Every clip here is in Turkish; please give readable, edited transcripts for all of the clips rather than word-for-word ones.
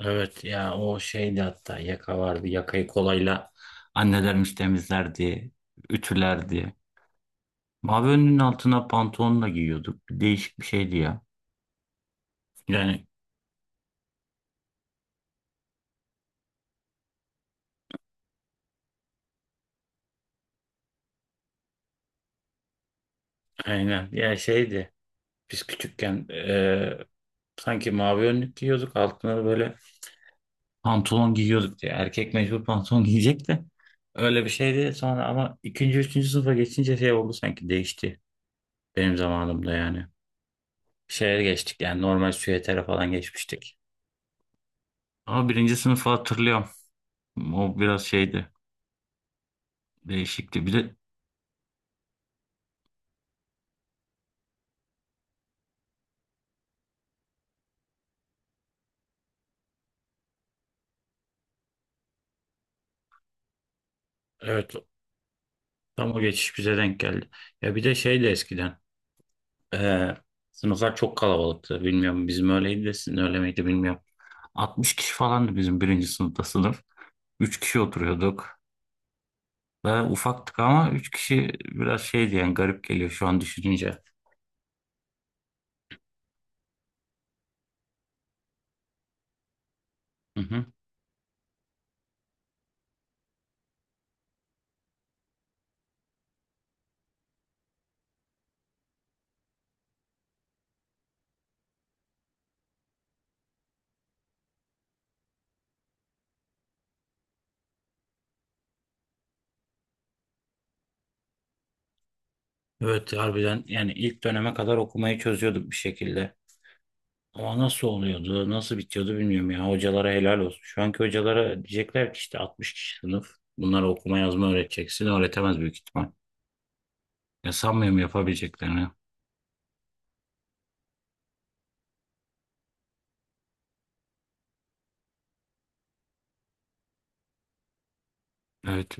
Evet ya o şeydi, hatta yaka vardı. Yakayı kolayla annelerimiz temizlerdi, ütülerdi. Mavi önlüğün altına pantolonla giyiyorduk. Değişik bir şeydi ya. Yani aynen ya şeydi. Biz küçükken sanki mavi önlük giyiyorduk. Altına da böyle pantolon giyiyorduk diye. Erkek mecbur pantolon giyecek de. Öyle bir şeydi. Sonra ama ikinci, üçüncü sınıfa geçince şey oldu, sanki değişti. Benim zamanımda yani. Şeye geçtik, yani normal süvetere falan geçmiştik. Ama birinci sınıfı hatırlıyorum. O biraz şeydi. Değişikti. Bir de evet, tam o geçiş bize denk geldi. Ya bir de şey de eskiden. eee, Sınıflar çok kalabalıktı. Bilmiyorum, bizim öyleydi de sizin öyle miydi bilmiyorum. 60 kişi falandı bizim birinci sınıfta sınıf. 3 kişi oturuyorduk. Ve ufaktık ama 3 kişi biraz şeydi, yani garip geliyor şu an düşününce. Hı hı. Evet, harbiden yani ilk döneme kadar okumayı çözüyorduk bir şekilde. Ama nasıl oluyordu, nasıl bitiyordu bilmiyorum ya. Hocalara helal olsun. Şu anki hocalara diyecekler ki işte 60 kişi sınıf. Bunlara okuma yazma öğreteceksin. Öğretemez büyük ihtimal. Ya sanmıyorum yapabileceklerini. Evet.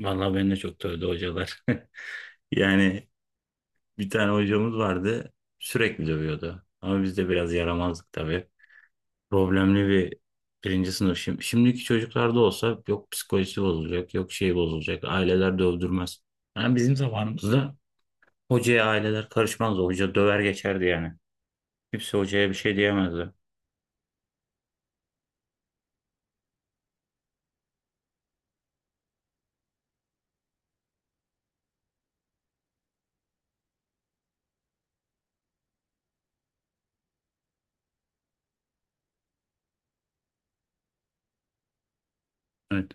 Vallahi beni de çok dövdü hocalar. Yani bir tane hocamız vardı. Sürekli dövüyordu. Ama biz de biraz yaramazdık tabii. Problemli bir birinci sınıf. Şimdiki çocuklarda olsa yok psikolojisi bozulacak, yok şey bozulacak. Aileler dövdürmez. Yani bizim zamanımızda hocaya aileler karışmazdı. Hoca döver geçerdi yani. Kimse hocaya bir şey diyemezdi. Evet.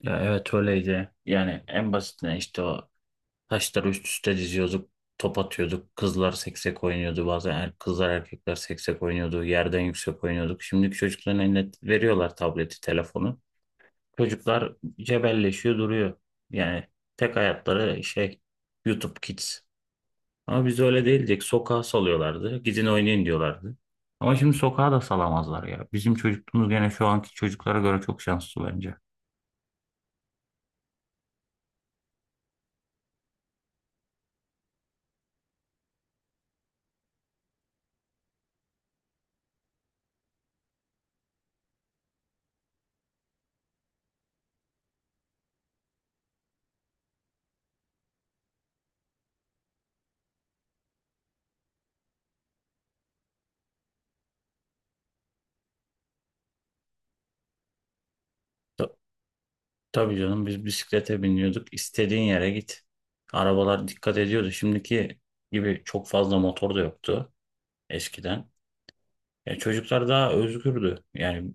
Ya evet öyleydi. Yani en basitinden işte o taşları üst üste diziyorduk. Top atıyorduk. Kızlar seksek oynuyordu. Bazen kızlar erkekler seksek oynuyordu. Yerden yüksek oynuyorduk. Şimdiki çocukların eline veriyorlar tableti, telefonu. Çocuklar cebelleşiyor duruyor. Yani tek hayatları şey, YouTube Kids. Ama biz öyle değildik. Sokağa salıyorlardı. Gidin oynayın diyorlardı. Ama şimdi sokağa da salamazlar ya. Bizim çocukluğumuz gene şu anki çocuklara göre çok şanslı bence. Ta- tabii canım, biz bisiklete biniyorduk. İstediğin yere git. Arabalar dikkat ediyordu. Şimdiki gibi çok fazla motor da yoktu eskiden. Ya çocuklar daha özgürdü. Yani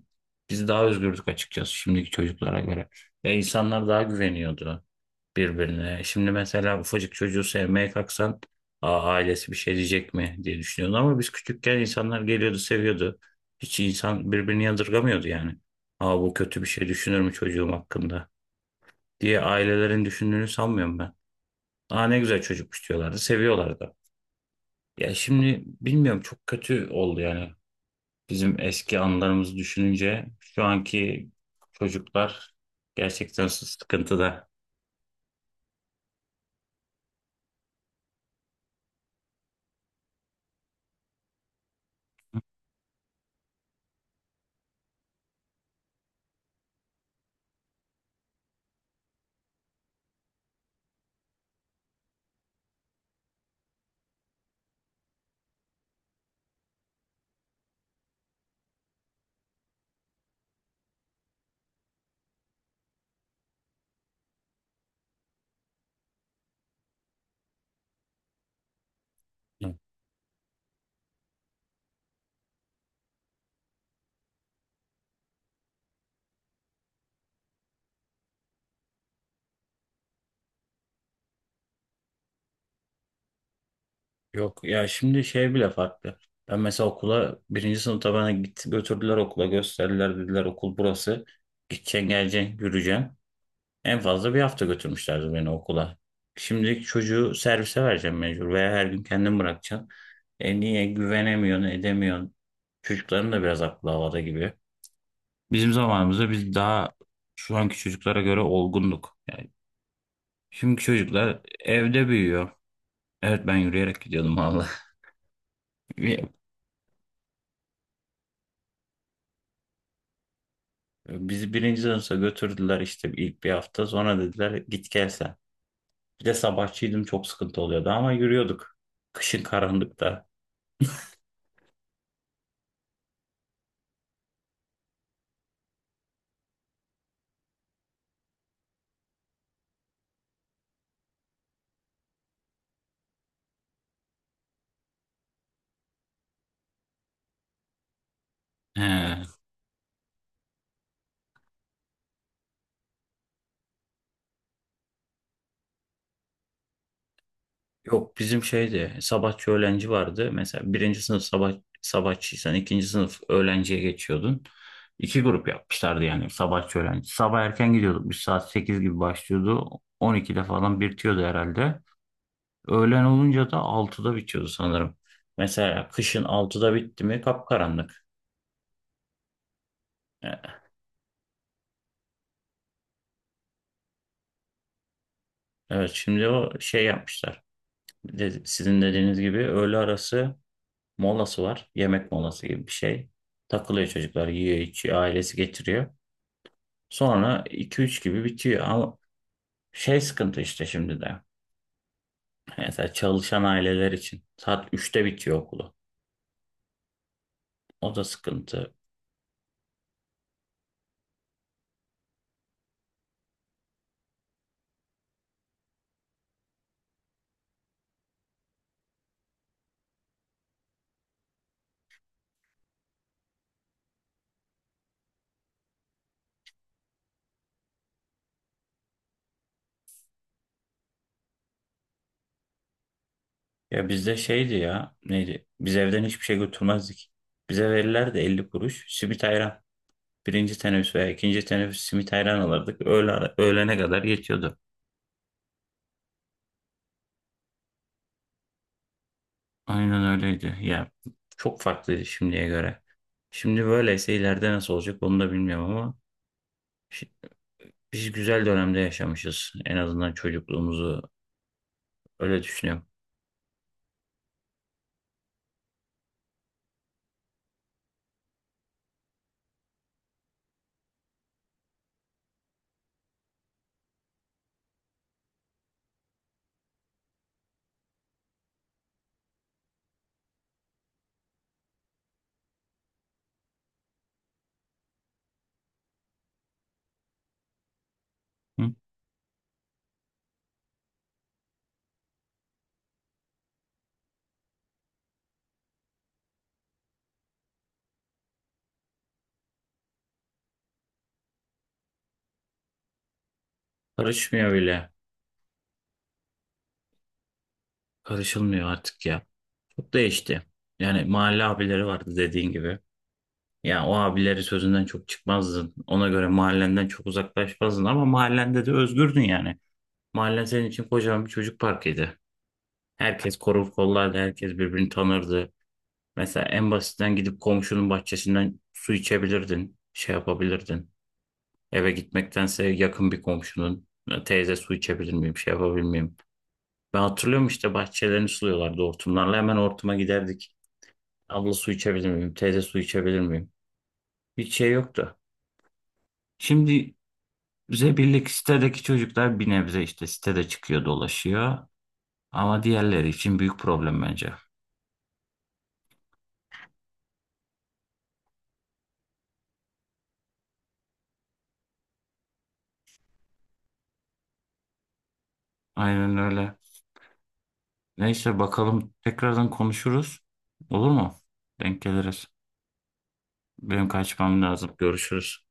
biz daha özgürdük açıkçası şimdiki çocuklara göre. Ve insanlar daha güveniyordu birbirine. Şimdi mesela ufacık çocuğu sevmeye kalksan, aa, ailesi bir şey diyecek mi diye düşünüyordu. Ama biz küçükken insanlar geliyordu, seviyordu. Hiç insan birbirini yadırgamıyordu yani. Aa, bu kötü bir şey düşünür mü çocuğum hakkında diye ailelerin düşündüğünü sanmıyorum ben. Aa, ne güzel çocukmuş diyorlardı, seviyorlardı. Ya şimdi bilmiyorum, çok kötü oldu yani. Bizim eski anılarımızı düşününce şu anki çocuklar gerçekten sıkıntıda. Yok ya, şimdi şey bile farklı. Ben mesela okula birinci sınıfta bana git, götürdüler okula, gösterdiler, dediler okul burası. Gideceksin, geleceksin, yürüyeceksin. En fazla bir hafta götürmüşlerdi beni okula. Şimdi çocuğu servise vereceğim mecbur, veya her gün kendin bırakacaksın. E niye güvenemiyorsun, edemiyorsun. Çocukların da biraz aklı havada gibi. Bizim zamanımızda biz daha şu anki çocuklara göre olgunduk. Yani şimdiki çocuklar evde büyüyor. Evet, ben yürüyerek gidiyordum valla. Bir- Bizi birinci sınıfa götürdüler işte ilk bir hafta. Sonra dediler git gel sen. Bir de sabahçıydım, çok sıkıntı oluyordu ama yürüyorduk. Kışın karanlıkta. He. Yok, bizim şeydi, sabahçı öğlenci vardı. Mesela birinci sınıf sabah, sabahçıysan ikinci sınıf öğlenciye geçiyordun. İki grup yapmışlardı yani, sabahçı öğlenci. Sabah erken gidiyorduk, biz saat 8 gibi başlıyordu. 12'de falan bitiyordu herhalde. Öğlen olunca da 6'da bitiyordu sanırım. Mesela kışın 6'da bitti mi kapkaranlık. E, Evet, şimdi o şey yapmışlar. Sizin dediğiniz gibi öğle arası molası var. Yemek molası gibi bir şey. Takılıyor çocuklar, yiyor içiyor, ailesi getiriyor. Sonra 2-3 gibi bitiyor ama şey, sıkıntı işte şimdi de. Mesela çalışan aileler için saat 3'te bitiyor okulu. O da sıkıntı. Ya bizde şeydi ya, neydi? Biz evden hiçbir şey götürmezdik. Bize verirlerdi 50 kuruş simit ayran. Birinci teneffüs veya ikinci teneffüs simit ayran alırdık. Öğlene kadar yetiyordu. Aynen öyleydi. Ya çok farklıydı şimdiye göre. Şimdi böyleyse ileride nasıl olacak onu da bilmiyorum ama şi- biz güzel dönemde yaşamışız. En azından çocukluğumuzu öyle düşünüyorum. Hı? Karışmıyor bile. Karışılmıyor artık ya. Çok değişti. Yani mahalle abileri vardı dediğin gibi. Yani o abileri sözünden çok çıkmazdın. Ona göre mahallenden çok uzaklaşmazdın ama mahallende de özgürdün yani. Mahallen senin için kocaman bir çocuk parkıydı. Herkes korur kollardı, herkes birbirini tanırdı. Mesela en basitten gidip komşunun bahçesinden su içebilirdin, şey yapabilirdin. Eve gitmektense yakın bir komşunun, teyze su içebilir miyim, şey yapabilir miyim? Ben hatırlıyorum işte bahçelerini suluyorlardı hortumlarla. Hemen hortuma giderdik. Abla su içebilir miyim? Teyze su içebilir miyim? Hiç şey yoktu. Şimdi bize birlik sitedeki çocuklar bir nebze işte sitede çıkıyor dolaşıyor. Ama diğerleri için büyük problem bence. Aynen öyle. Neyse, bakalım tekrardan konuşuruz. Olur mu? Denk geliriz. Benim kaçmam lazım. Görüşürüz.